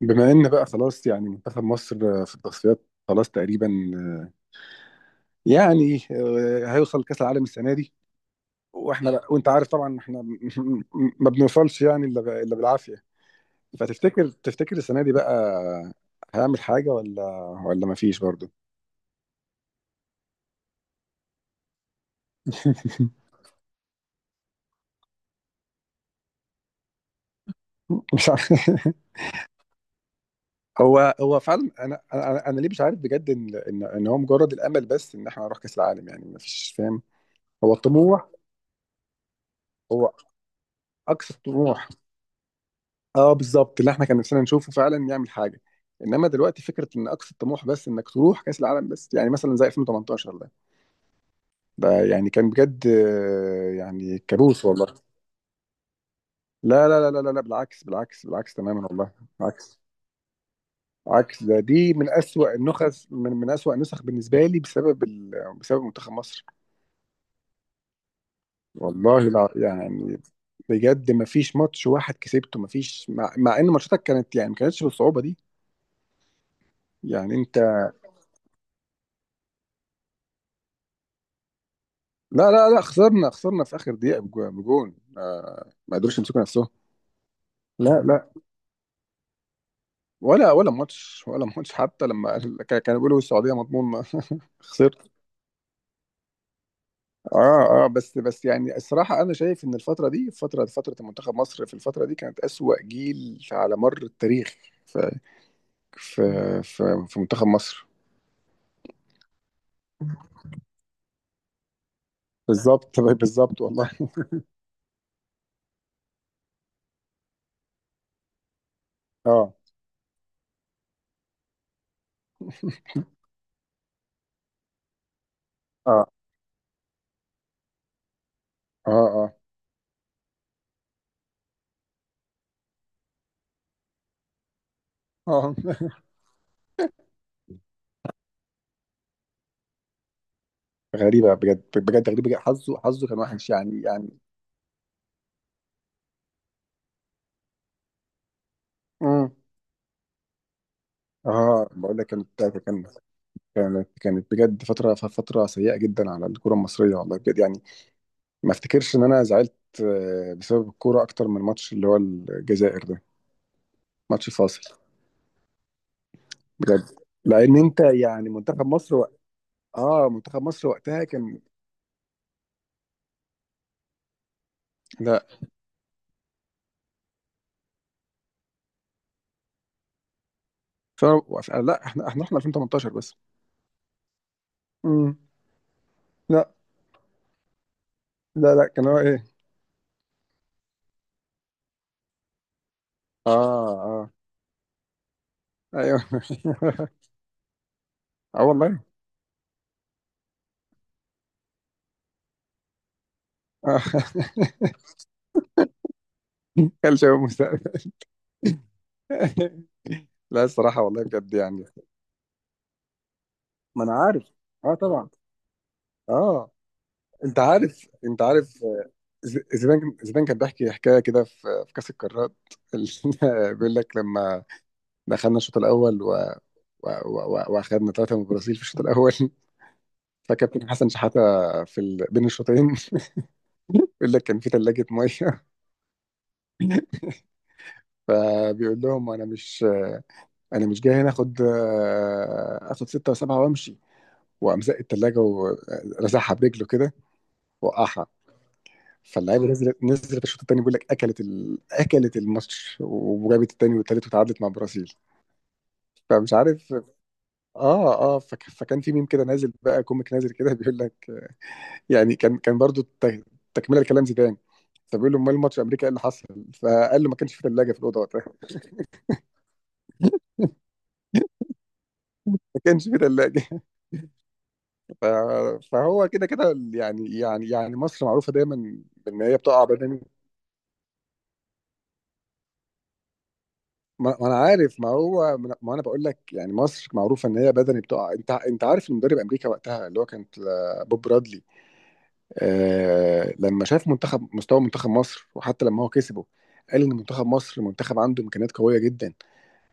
بما ان بقى خلاص يعني منتخب مصر في التصفيات خلاص تقريبا يعني هيوصل كاس العالم السنه دي. واحنا لا، وانت عارف طبعا احنا ما بنوصلش يعني إلا بالعافيه. فتفتكر السنه دي بقى هيعمل حاجه ولا ما فيش برضه؟ مش عارف. هو فعلا انا ليه مش عارف بجد ان هو مجرد الامل بس ان احنا نروح كاس العالم، يعني ما فيش، فاهم؟ هو الطموح، هو اقصى الطموح. اه بالظبط، اللي احنا كان نفسنا نشوفه فعلا يعمل حاجه. انما دلوقتي فكره ان اقصى الطموح بس انك تروح كاس العالم بس، يعني مثلا زي 2018 ده، ده يعني كان بجد يعني كابوس والله. لا لا لا لا لا لا، بالعكس بالعكس بالعكس تماما والله، بالعكس. عكس ده، دي من أسوأ النخس، من أسوأ النسخ بالنسبه لي بسبب بسبب منتخب مصر. والله لا يعني، بجد ما فيش ماتش واحد كسبته، ما فيش مع ان ماتشاتك كانت يعني ما كانتش بالصعوبه دي يعني انت. لا لا لا، خسرنا في اخر دقيقه بجون، ما قدروش يمسكوا نفسهم. لا لا، ولا ماتش ولا ماتش، حتى لما كانوا بيقولوا السعوديه مضمون خسرت. اه اه، بس يعني الصراحه انا شايف ان الفتره دي، فتره منتخب مصر في الفتره دي كانت اسوأ جيل على مر التاريخ في في في منتخب مصر. بالظبط بالظبط والله اه اه اه اه اه غريبه بجد، بجد غريبه جداً. حظه كان وحش يعني، يعني. مم. اه بقول لك، كانت بجد فتره سيئه جدا على الكره المصريه والله بجد يعني. ما افتكرش ان انا زعلت بسبب الكوره اكتر من ماتش اللي هو الجزائر ده، ماتش فاصل بجد. لان انت يعني منتخب مصر اه منتخب مصر وقتها كان. لا ف... لا احنا احنا 2018 بس. امم لا لا لا، كان هو ايه. اه اه ايوه اه والله. آه. كان شباب مستقبل لا الصراحة والله بجد يعني. ما أنا عارف. أه طبعا. أه. أنت عارف زيدان كان بيحكي حكاية كده في كأس القارات اللي بيقول لك لما دخلنا الشوط الأول وأخدنا ثلاثة من البرازيل في الشوط الأول فكابتن حسن شحاتة بين الشوطين بيقول لك كان في ثلاجة مية فبيقول لهم أنا مش، انا مش جاي هنا اخد اخد ستة وسبعة وامشي. وقام زق التلاجة ورزعها برجله كده، وقعها. فاللعيبه نزلت، نزلت الشوط الثاني. بيقول لك اكلت اكلت الماتش وجابت الثاني والثالث وتعادلت مع البرازيل. فمش عارف. اه اه. فكان في ميم كده نازل بقى، كوميك نازل كده بيقول لك يعني كان برضو تكمله لكلام زيدان. فبيقول له امال الماتش امريكا ايه اللي حصل؟ فقال له ما كانش في ثلاجه في الاوضه وقتها ما كانش في ثلاجه ف... فهو كده كده يعني، يعني مصر معروفه دايما بان هي بتقع بدني. ما انا عارف. ما هو، ما انا بقول لك يعني مصر معروفه ان هي بدني بتقع. انت عارف المدرب امريكا وقتها اللي هو بوب برادلي. آه لما شاف منتخب، مستوى منتخب مصر، وحتى لما هو كسبه قال ان منتخب مصر منتخب عنده امكانيات قويه جدا،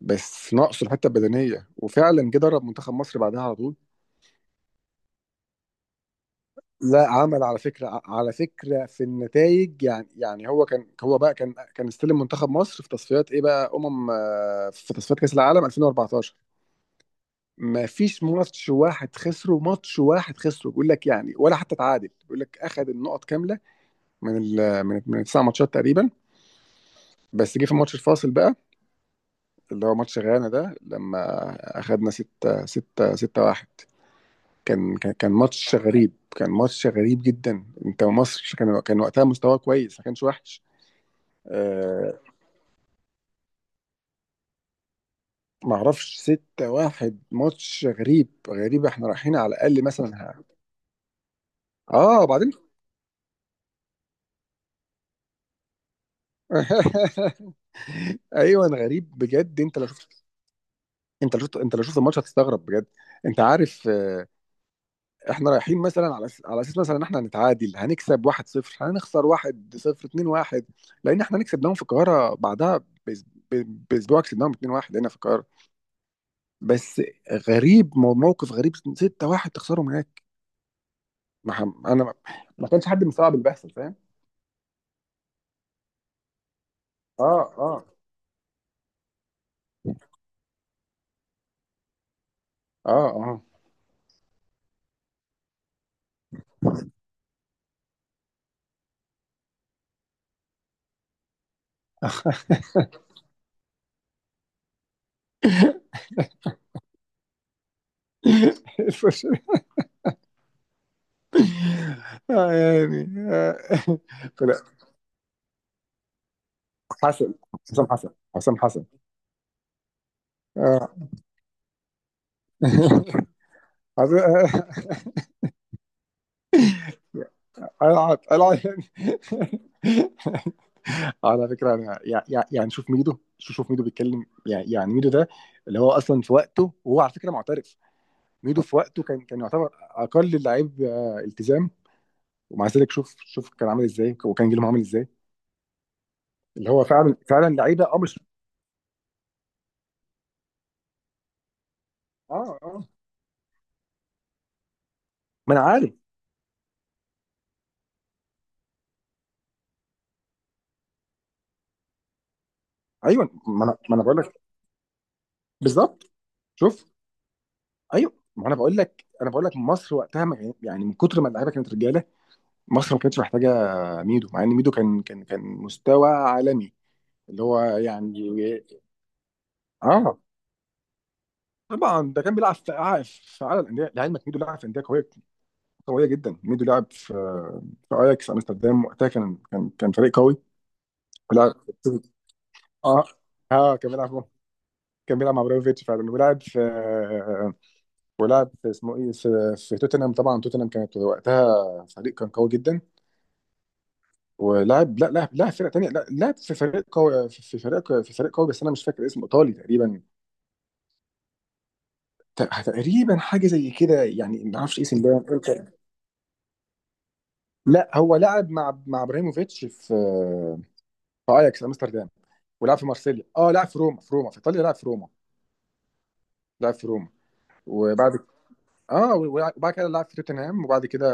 بس ناقصه الحته البدنيه. وفعلا جه درب منتخب مصر بعدها على طول. لا، عمل على فكره، على فكره في النتائج يعني. يعني هو كان، هو بقى كان، كان استلم منتخب مصر في تصفيات ايه بقى، في تصفيات كاس العالم 2014. ما فيش ماتش واحد خسره، ماتش واحد خسره بيقول لك يعني، ولا حتى تعادل بيقول لك. اخذ النقط كامله من من التسع ماتشات تقريبا. بس جه في الماتش الفاصل بقى، اللي هو ماتش غانا ده، لما اخذنا 6 6 6 1. كان ماتش غريب، كان ماتش غريب جدا. انت مصر كان وقتها مستواه كويس، ما كانش وحش. أه معرفش، 6 1، ماتش غريب. غريب، احنا رايحين على الاقل مثلا اه. وبعدين ايوه انا. غريب بجد. انت لو شفت الماتش هتستغرب بجد. انت عارف احنا رايحين مثلا على على اساس مثلا ان احنا هنتعادل، هنكسب 1-0، هنخسر 1-0، 2-1. لان احنا هنكسب داون في القاهره بعدها باسبوع. كسبناهم 2-1 هنا في القاهره. بس غريب، موقف غريب، 6-1 تخسرهم هناك. ما ح- انا ما كانش حد مستوعب اللي بيحصل. فاهم؟ اه اه اه اه الفش- آه، يعني آه، فلا، حسن حسام حسن حسام حسن. آه. عايز- العب العب يعني على فكره انا يعني شوف ميدو بيتكلم يعني، يعني ميدو ده اللي هو اصلا في وقته، وهو على فكره معترف. ميدو في وقته كان يعتبر اقل اللعيب التزام. ومع ذلك شوف، شوف كان عامل ازاي، وكان جيلهم عامل ازاي. اللي هو فعلا فعلا لعيبه، اه مش. اه اه ما انا عارف. ايوه ما انا بقول لك، بالظبط. شوف. ايوه ما انا بقول لك انا بقول لك مصر وقتها ما كان- يعني من كتر ما اللعيبه كانت رجاله، مصر ما كانتش محتاجه ميدو. مع ان ميدو كان مستوى عالمي اللي هو يعني. اه طبعا. ده كان بيلعب في اعلى الانديه لعلمك. ميدو لعب في انديه قويه، قويه جدا. ميدو لعب في اياكس امستردام، وقتها كان فريق قوي. ولعب. اه اه. كان بيلعب مع ابراهيموفيتش فعلا. ولعب في اسمه ايه، في توتنهام. طبعا توتنهام كانت وقتها فريق كان قوي جدا. ولعب. لا لعب فرقه تانيه. لا لعب في فريق قوي، في فريق قوي، بس انا مش فاكر اسمه. ايطالي تقريبا. تقريبًا حاجة زي كده، يعني ما أعرفش إيه ده إمتى. لأ، هو لعب مع إبراهيموفيتش في أياكس أمستردام، ولعب في مارسيليا. آه لعب في روما، في روما، في إيطاليا. لعب في روما، لعب في روما. وبعد ك آه، و وبعد كده لعب في توتنهام. وبعد كده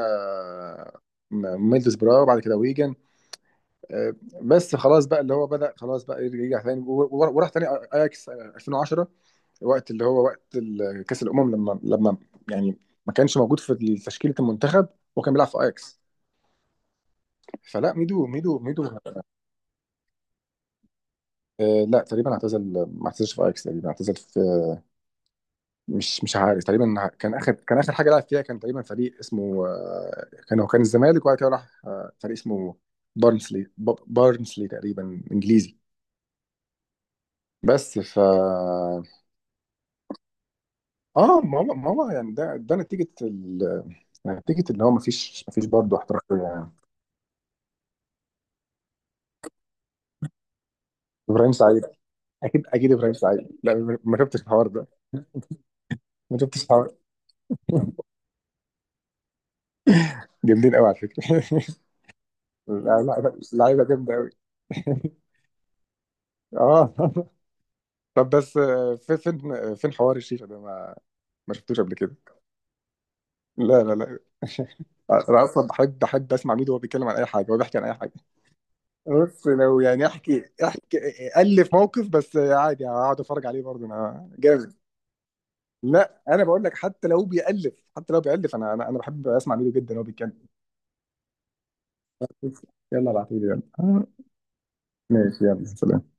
ميدلزبرا. وبعد كده ويجن. آآ، بس خلاص بقى اللي هو بدأ خلاص بقى يرجع تاني، و و وراح تاني أياكس 2010. وقت اللي هو وقت كأس الأمم، لمّا يعني ما كانش موجود في تشكيلة المنتخب، وهو كان بيلعب في أياكس. فلا ميدو ميدو. لا تقريبا اعتزل، ما اعتزلش في اياكس تقريبا. اعتزل في، مش عارف. تقريبا كان اخر حاجه لعب فيها كان تقريبا فريق اسمه كان، هو كان الزمالك. وبعد كده راح فريق اسمه بارنسلي، بارنسلي تقريبا، انجليزي. بس ف اه ما هو يعني ده نتيجه نتيجه اللي هو ما فيش برضه احتراف يعني. ابراهيم سعيد، اكيد اكيد ابراهيم سعيد. لا ما شفتش الحوار ده. ما شفتش الحوار. جامدين قوي على فكره لا لا، لعيبه جامده قوي اه طب بس فين حوار الشيشه ده. ما شفتوش قبل كده. لا لا لا انا اصلا بحب اسمع ميدو وهو بيتكلم عن اي حاجه. هو بيحكي عن اي حاجه. بص لو يعني احكي، احكي الف موقف، بس عادي هقعد اتفرج عليه برضه انا جامد. لا، انا بقول لك حتى لو بيالف، حتى لو بيالف، انا بحب اسمع ميدو جدا وهو بيتكلم. يلا ابعتولي. يلا. ماشي. يلا سلام.